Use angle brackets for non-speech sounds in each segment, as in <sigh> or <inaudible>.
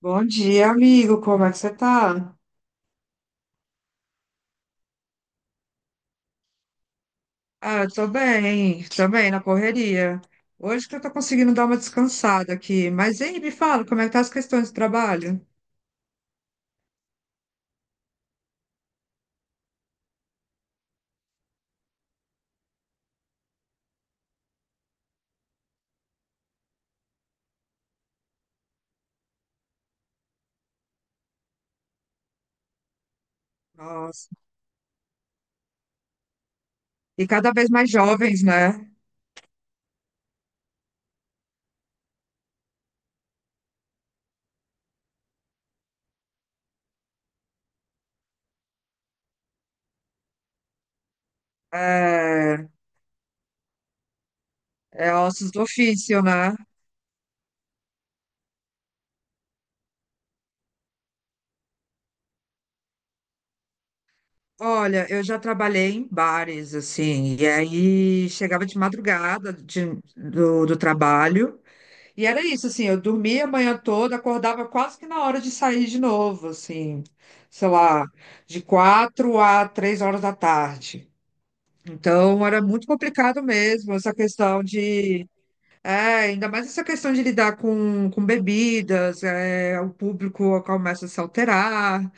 Bom dia, amigo. Como é que você tá? Ah, eu tô bem na correria. Hoje que eu tô conseguindo dar uma descansada aqui. Mas aí, me fala, como é que tá as questões do trabalho? Nossa. E cada vez mais jovens, né? É, é ossos do ofício, né? Olha, eu já trabalhei em bares, assim, e aí chegava de madrugada do trabalho. E era isso, assim, eu dormia a manhã toda, acordava quase que na hora de sair de novo, assim, sei lá, de 4 a 3 horas da tarde. Então, era muito complicado mesmo essa questão de, é, ainda mais essa questão de lidar com bebidas, é, o público começa a se alterar,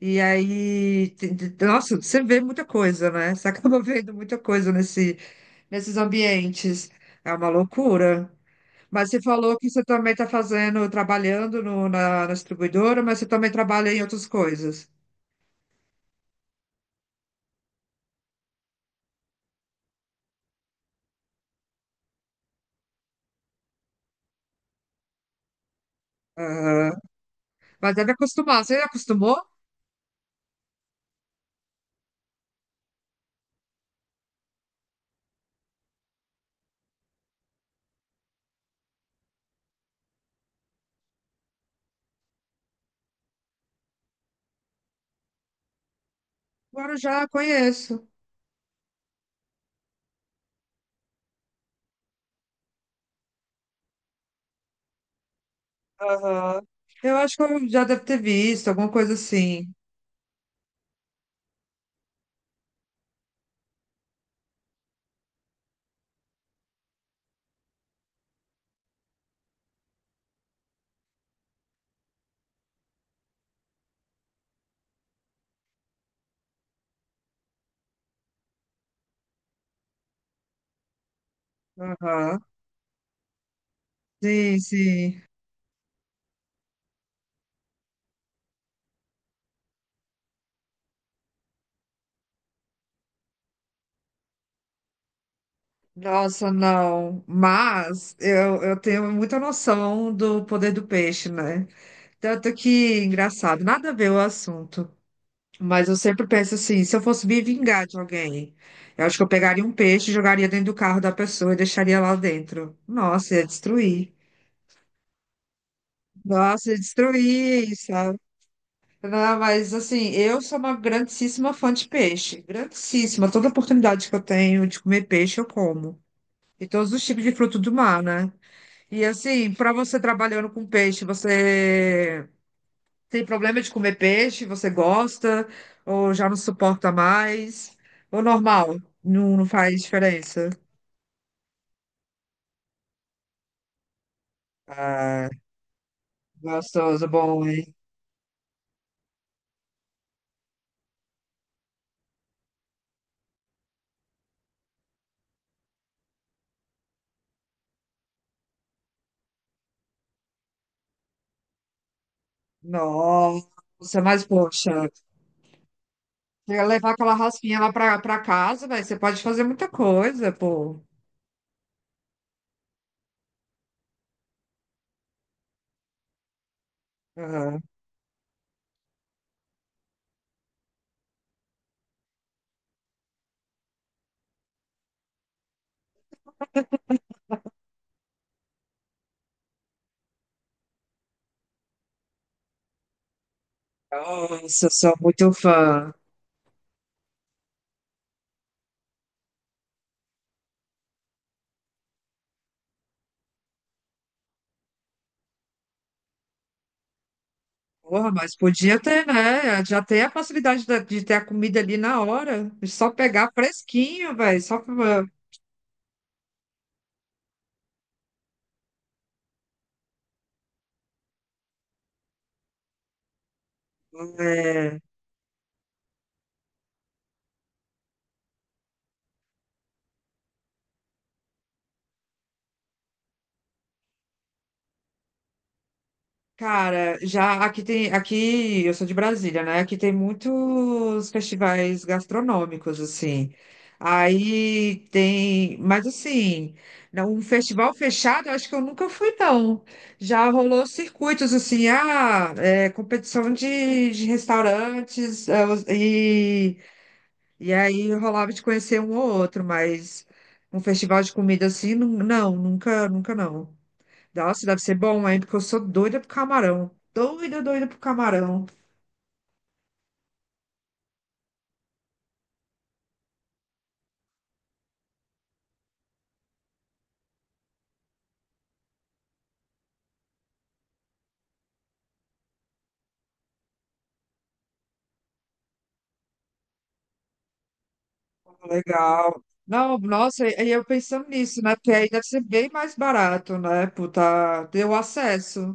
e aí, nossa, você vê muita coisa, né? Você acaba <laughs> vendo muita coisa nesses ambientes. É uma loucura. Mas você falou que você também está fazendo, trabalhando na distribuidora, mas você também trabalha em outras coisas. Aham. Mas deve acostumar. Você acostumou? Agora eu já conheço. Aham. Eu acho que eu já deve ter visto, alguma coisa assim. Aham. Sim, sim. Nossa, não. Mas eu tenho muita noção do poder do peixe, né? Tanto que, engraçado, nada a ver o assunto. Mas eu sempre penso assim, se eu fosse me vingar de alguém, eu acho que eu pegaria um peixe, jogaria dentro do carro da pessoa e deixaria lá dentro. Nossa, ia destruir. Nossa, ia destruir, sabe? Não, mas assim, eu sou uma grandíssima fã de peixe. Grandíssima. Toda oportunidade que eu tenho de comer peixe, eu como. E todos os tipos de fruto do mar, né? E assim, para você trabalhando com peixe, você tem problema de comer peixe? Você gosta? Ou já não suporta mais? Ou normal? Não, não faz diferença. Ah, gostoso, bom, hein? Nossa, mas poxa, quer levar aquela raspinha lá pra casa, velho, você pode fazer muita coisa, pô. Aham. Nossa, sou muito fã. Porra, mas podia ter, né? Já tem a facilidade ter a comida ali na hora. Só pegar fresquinho, velho. Só pra... é, Cara, já aqui tem, aqui eu sou de Brasília, né? Aqui tem muitos festivais gastronômicos assim. Aí tem, mas assim, um festival fechado, eu acho que eu nunca fui não. Já rolou circuitos assim, ah, é, competição de restaurantes é, e aí rolava de conhecer um ou outro, mas um festival de comida assim, não, não, nunca, nunca não. Nossa, deve ser bom, hein? Porque eu sou doida pro camarão. Doida, doida pro camarão. Legal. Não, nossa, e eu pensando nisso, né? Porque aí deve ser bem mais barato, né? Puta, deu acesso.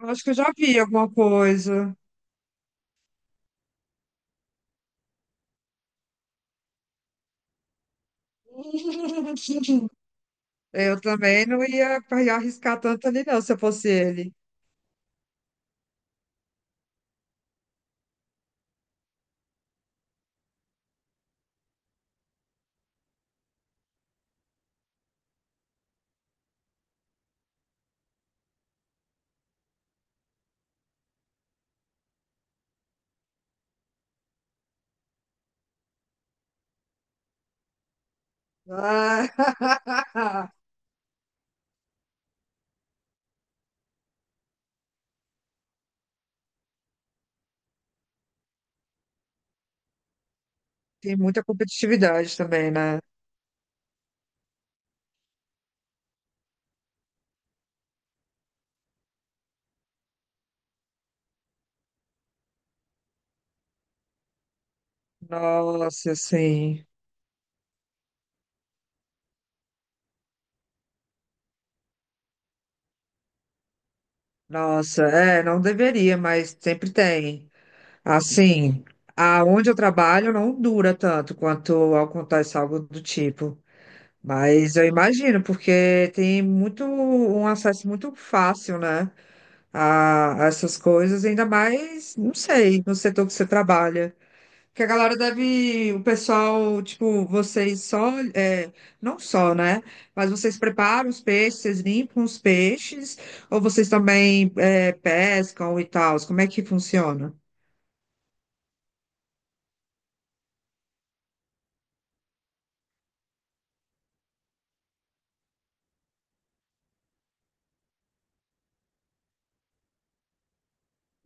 Eu acho que eu já vi alguma coisa. <laughs> Eu também não ia arriscar tanto ali, não, se eu fosse ele. Ah, <laughs> tem muita competitividade também, né? Nossa, sim. Nossa, é, não deveria, mas sempre tem. Assim, aonde eu trabalho não dura tanto quanto acontece algo do tipo. Mas eu imagino, porque tem muito um acesso muito fácil, né, a essas coisas, ainda mais, não sei, no setor que você trabalha. Que a galera deve, o pessoal, tipo, vocês só, é, não só, né? Mas vocês preparam os peixes, vocês limpam os peixes, ou vocês também, é, pescam e tal? Como é que funciona?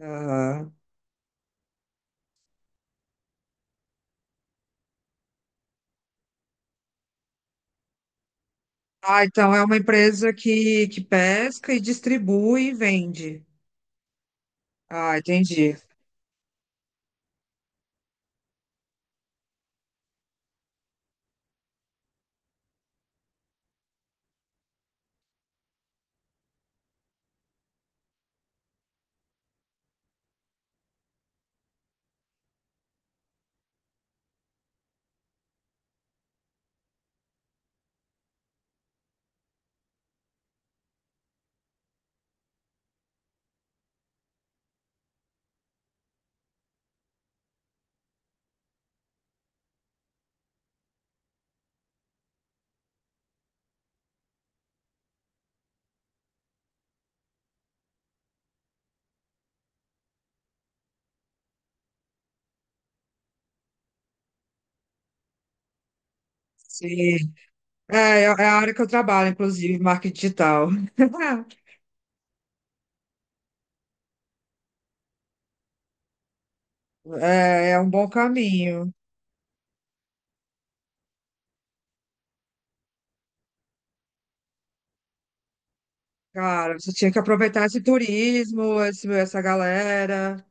Ah, ah, então é uma empresa que pesca e distribui e vende. Ah, entendi. Sim. É, é a área que eu trabalho, inclusive, marketing digital. <laughs> É um bom caminho. Cara, você tinha que aproveitar esse turismo, esse, essa galera,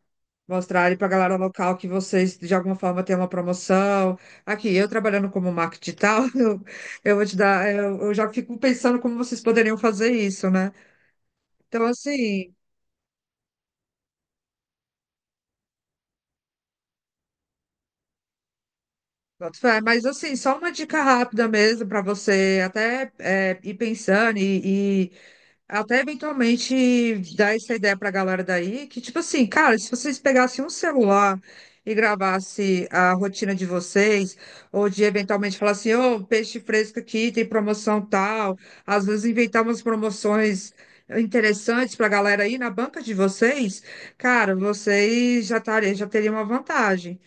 mostrar ali pra galera local que vocês, de alguma forma, têm uma promoção. Aqui, eu trabalhando como marketing digital, <laughs> eu vou te dar, eu já fico pensando como vocês poderiam fazer isso, né? Então, assim. Boto fé. Mas assim, só uma dica rápida mesmo para você até é, ir pensando e até eventualmente dar essa ideia para a galera daí, que tipo assim, cara, se vocês pegassem um celular e gravasse a rotina de vocês, ou de eventualmente falar assim, ô, peixe fresco aqui, tem promoção tal, às vezes inventar umas promoções interessantes para a galera aí na banca de vocês, cara, vocês já, já teriam uma vantagem.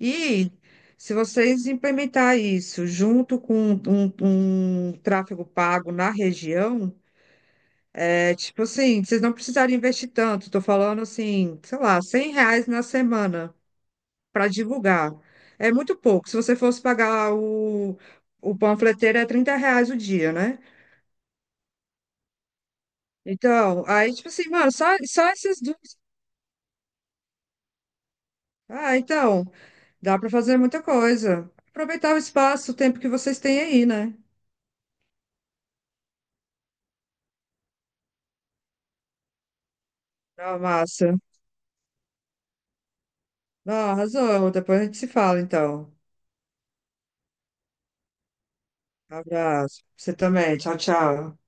E se vocês implementar isso junto com um tráfego pago na região, é tipo assim, vocês não precisarem investir tanto. Estou falando assim, sei lá, R$ 100 na semana para divulgar. É muito pouco. Se você fosse pagar o panfleteiro, é R$ 30 o dia, né? Então, aí, tipo assim, mano, só esses dois. Ah, então, dá para fazer muita coisa. Aproveitar o espaço, o tempo que vocês têm aí, né? Ah, massa. Não, arrasou. Depois a gente se fala, então. Abraço. Você também. Tchau, tchau.